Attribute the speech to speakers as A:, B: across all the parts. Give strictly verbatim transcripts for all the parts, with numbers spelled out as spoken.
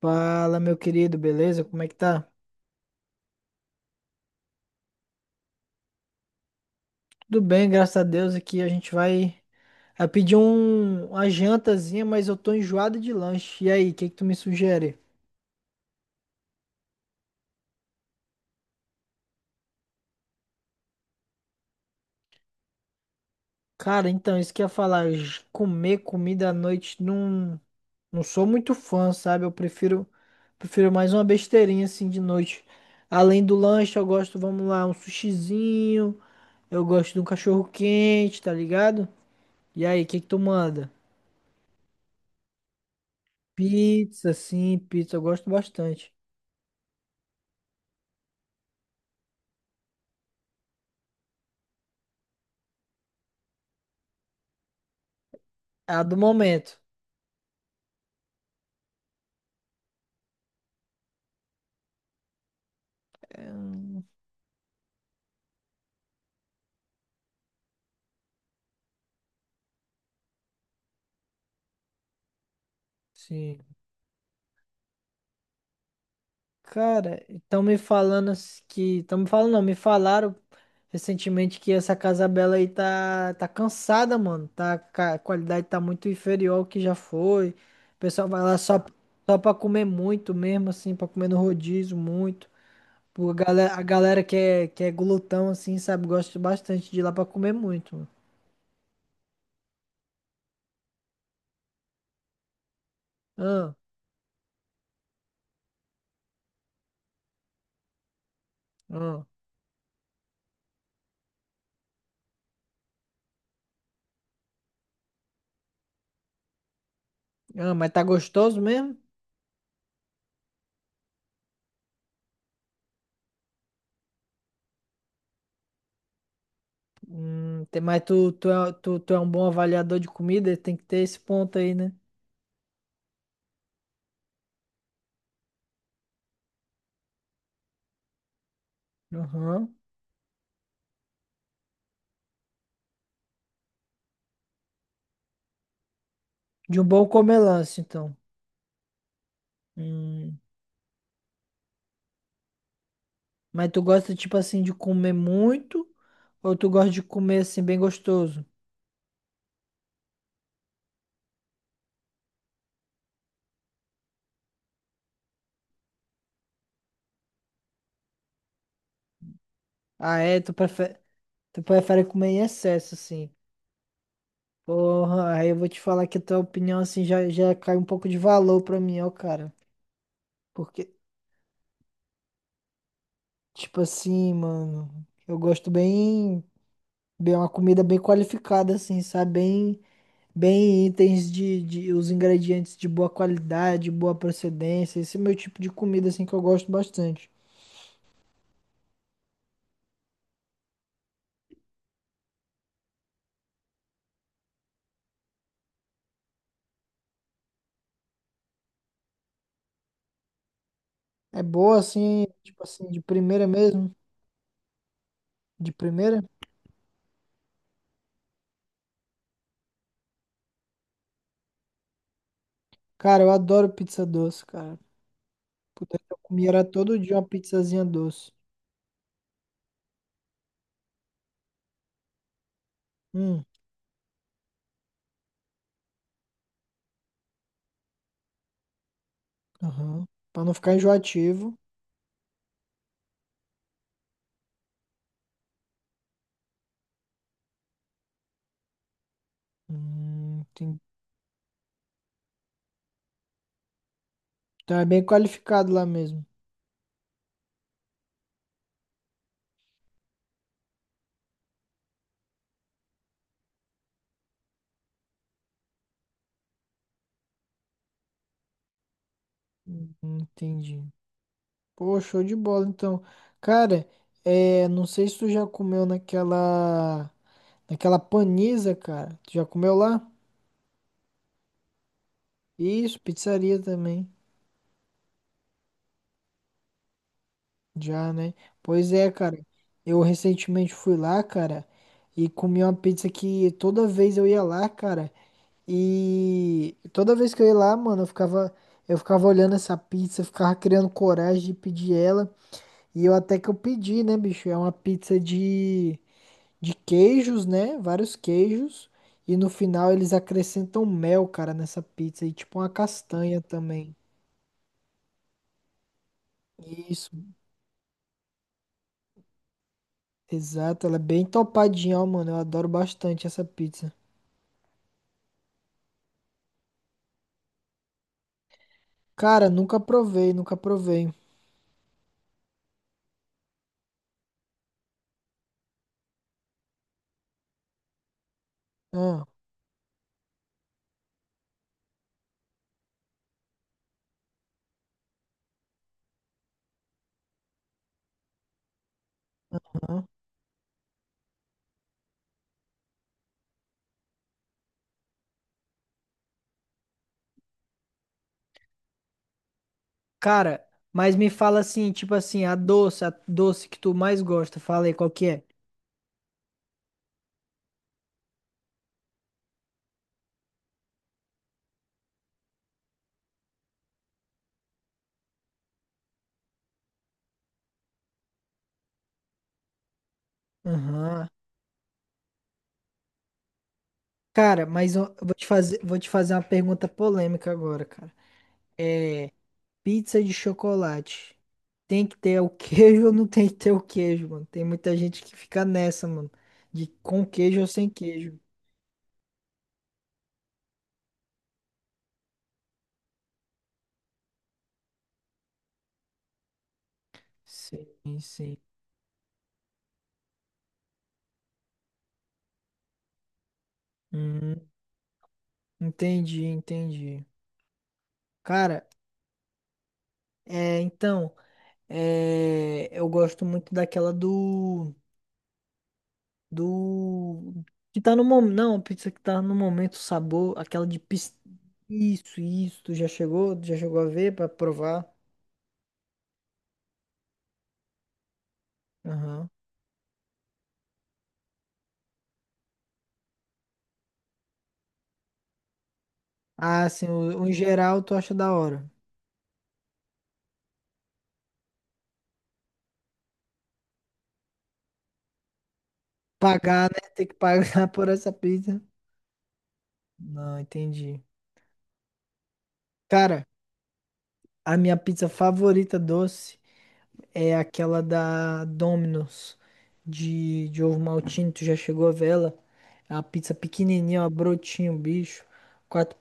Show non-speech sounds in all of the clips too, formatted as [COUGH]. A: Fala, meu querido, beleza? Como é que tá? Tudo bem, graças a Deus. Aqui a gente vai a pedir um, uma jantazinha, mas eu tô enjoado de lanche. E aí, o que que tu me sugere? Cara, então, isso que eu ia falar, j- comer comida à noite não, não sou muito fã, sabe? Eu prefiro prefiro mais uma besteirinha assim de noite. Além do lanche, eu gosto, vamos lá, um sushizinho, eu gosto de um cachorro quente, tá ligado? E aí, o que que tu manda? Pizza, sim, pizza, eu gosto bastante. A do momento. É, hum, sim. Cara, estão me falando s- que. Estão me falando, não, me falaram recentemente que essa Casa Bela aí tá, tá cansada, mano. Tá, ca- a qualidade tá muito inferior ao que já foi. O pessoal vai lá só, só pra comer muito mesmo, assim, pra comer no rodízio muito. Pô, A galera, a galera que é, que é glutão, assim, sabe, gosta bastante de ir lá pra comer muito, mano. Ah, ah, ah, mas tá gostoso mesmo? Hum, tem- mas tu, tu, é, tu, tu é um bom avaliador de comida, tem que ter esse ponto aí, né? Aham. De um bom comelance, então. Hum, mas tu gosta, tipo assim, de comer muito ou tu gosta de comer, assim, bem gostoso? Ah, é? Tu prefere, tu prefere comer em excesso, assim. Porra, aí eu vou te falar que a tua opinião, assim, já, já cai um pouco de valor pra mim, ó, cara. Porque, tipo assim, mano, eu gosto bem, bem uma comida bem qualificada, assim, sabe? Bem. Bem, itens de, de os ingredientes de boa qualidade, boa procedência. Esse é o meu tipo de comida assim que eu gosto bastante. É boa assim, tipo assim, de primeira mesmo, de primeira? Cara, eu adoro pizza doce, cara. Puta, eu comia era todo dia uma pizzazinha doce. Hum, aham. Pra não ficar enjoativo. Hum, tem, tá bem qualificado lá mesmo. Hum, entendi. Pô, show de bola, então. Cara, é, não sei se tu já comeu naquela, naquela paniza, cara. Tu já comeu lá? Isso, pizzaria também. Já, né? Pois é, cara. Eu recentemente fui lá, cara, e comi uma pizza que toda vez eu ia lá, cara. E toda vez que eu ia lá, mano, eu ficava, eu ficava olhando essa pizza, eu ficava criando coragem de pedir ela. E eu até que eu pedi, né, bicho? É uma pizza de de queijos, né? Vários queijos. E no final eles acrescentam mel, cara, nessa pizza. E tipo uma castanha também. Isso, exato. Ela é bem topadinha, ó, mano. Eu adoro bastante essa pizza. Cara, nunca provei, nunca provei. Ah. Cara, mas me fala assim, tipo assim, a doce, a doce que tu mais gosta. Fala aí, qual que é? Aham. Cara, mas eu eu vou te fazer, vou te fazer uma pergunta polêmica agora, cara. É, pizza de chocolate. Tem que ter o [LAUGHS] queijo ou não tem que ter o queijo, mano? Tem muita gente que fica nessa, mano. De com queijo ou sem queijo. Sim, sim. Hum, entendi, entendi. Cara, é, então, é, eu gosto muito daquela do, do, que tá no momento, não, pizza que tá no momento, o sabor, aquela de pis... Isso, isso, tu já chegou, já chegou a ver pra provar? Aham. Ah, sim, o, o em geral tu acha da hora. Pagar, né? Tem que pagar [LAUGHS] por essa pizza. Não, entendi. Cara, a minha pizza favorita doce é aquela da Domino's de, de ovo maltine. Tu já chegou a ver ela? É uma pizza pequenininha, uma brotinho, bicho. Quatro,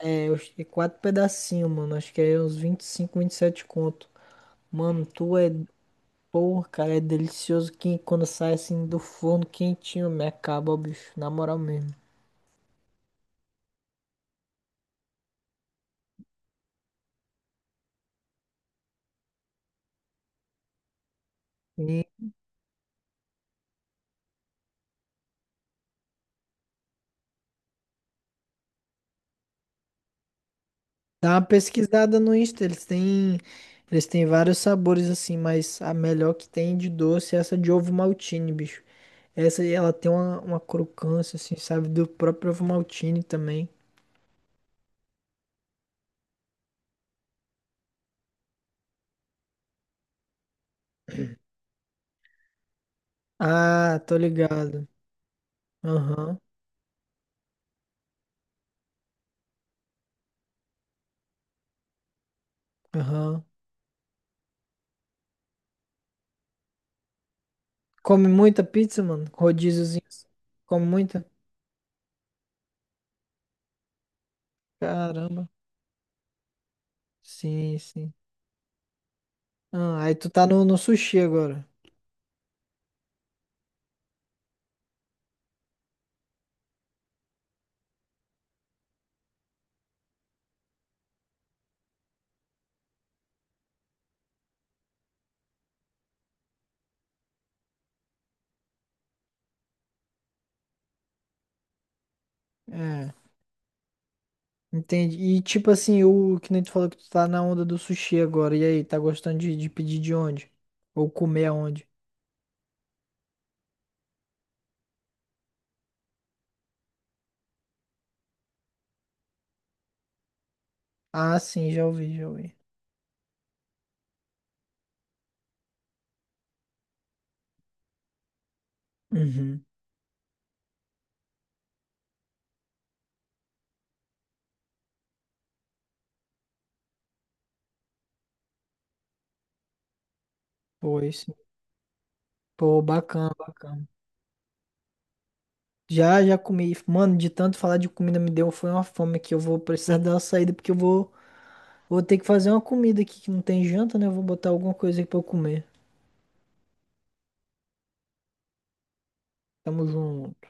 A: é, eu acho que é quatro pedacinhos, mano. Acho que é uns vinte e cinco, sete conto. Mano, tu é. Porra, cara, é delicioso que quando sai assim do forno quentinho, me acaba, ó, bicho. Na moral mesmo. Dá uma pesquisada no Insta, eles têm, eles têm vários sabores assim, mas a melhor que tem de doce é essa de ovo maltine, bicho. Essa aí, ela tem uma, uma crocância assim, sabe, do próprio ovo maltine também. Ah, tô ligado. Aham, aham. Come muita pizza, mano? Rodíziozinho. Assim. Come muita? Caramba. Sim, sim. Ah, aí tu tá no, no sushi agora. É. Entendi. E tipo assim, o que nem tu falou que tu tá na onda do sushi agora. E aí, tá gostando de, de pedir de onde? Ou comer aonde? Ah, sim, já ouvi, já ouvi. Uhum. Pois. Pô, bacana, bacana. Já, já comi. Mano, de tanto falar de comida me deu, foi uma fome que eu vou precisar [LAUGHS] dar uma saída, porque eu vou, vou ter que fazer uma comida aqui que não tem janta, né? Eu vou botar alguma coisa aqui pra eu comer. Tamo junto.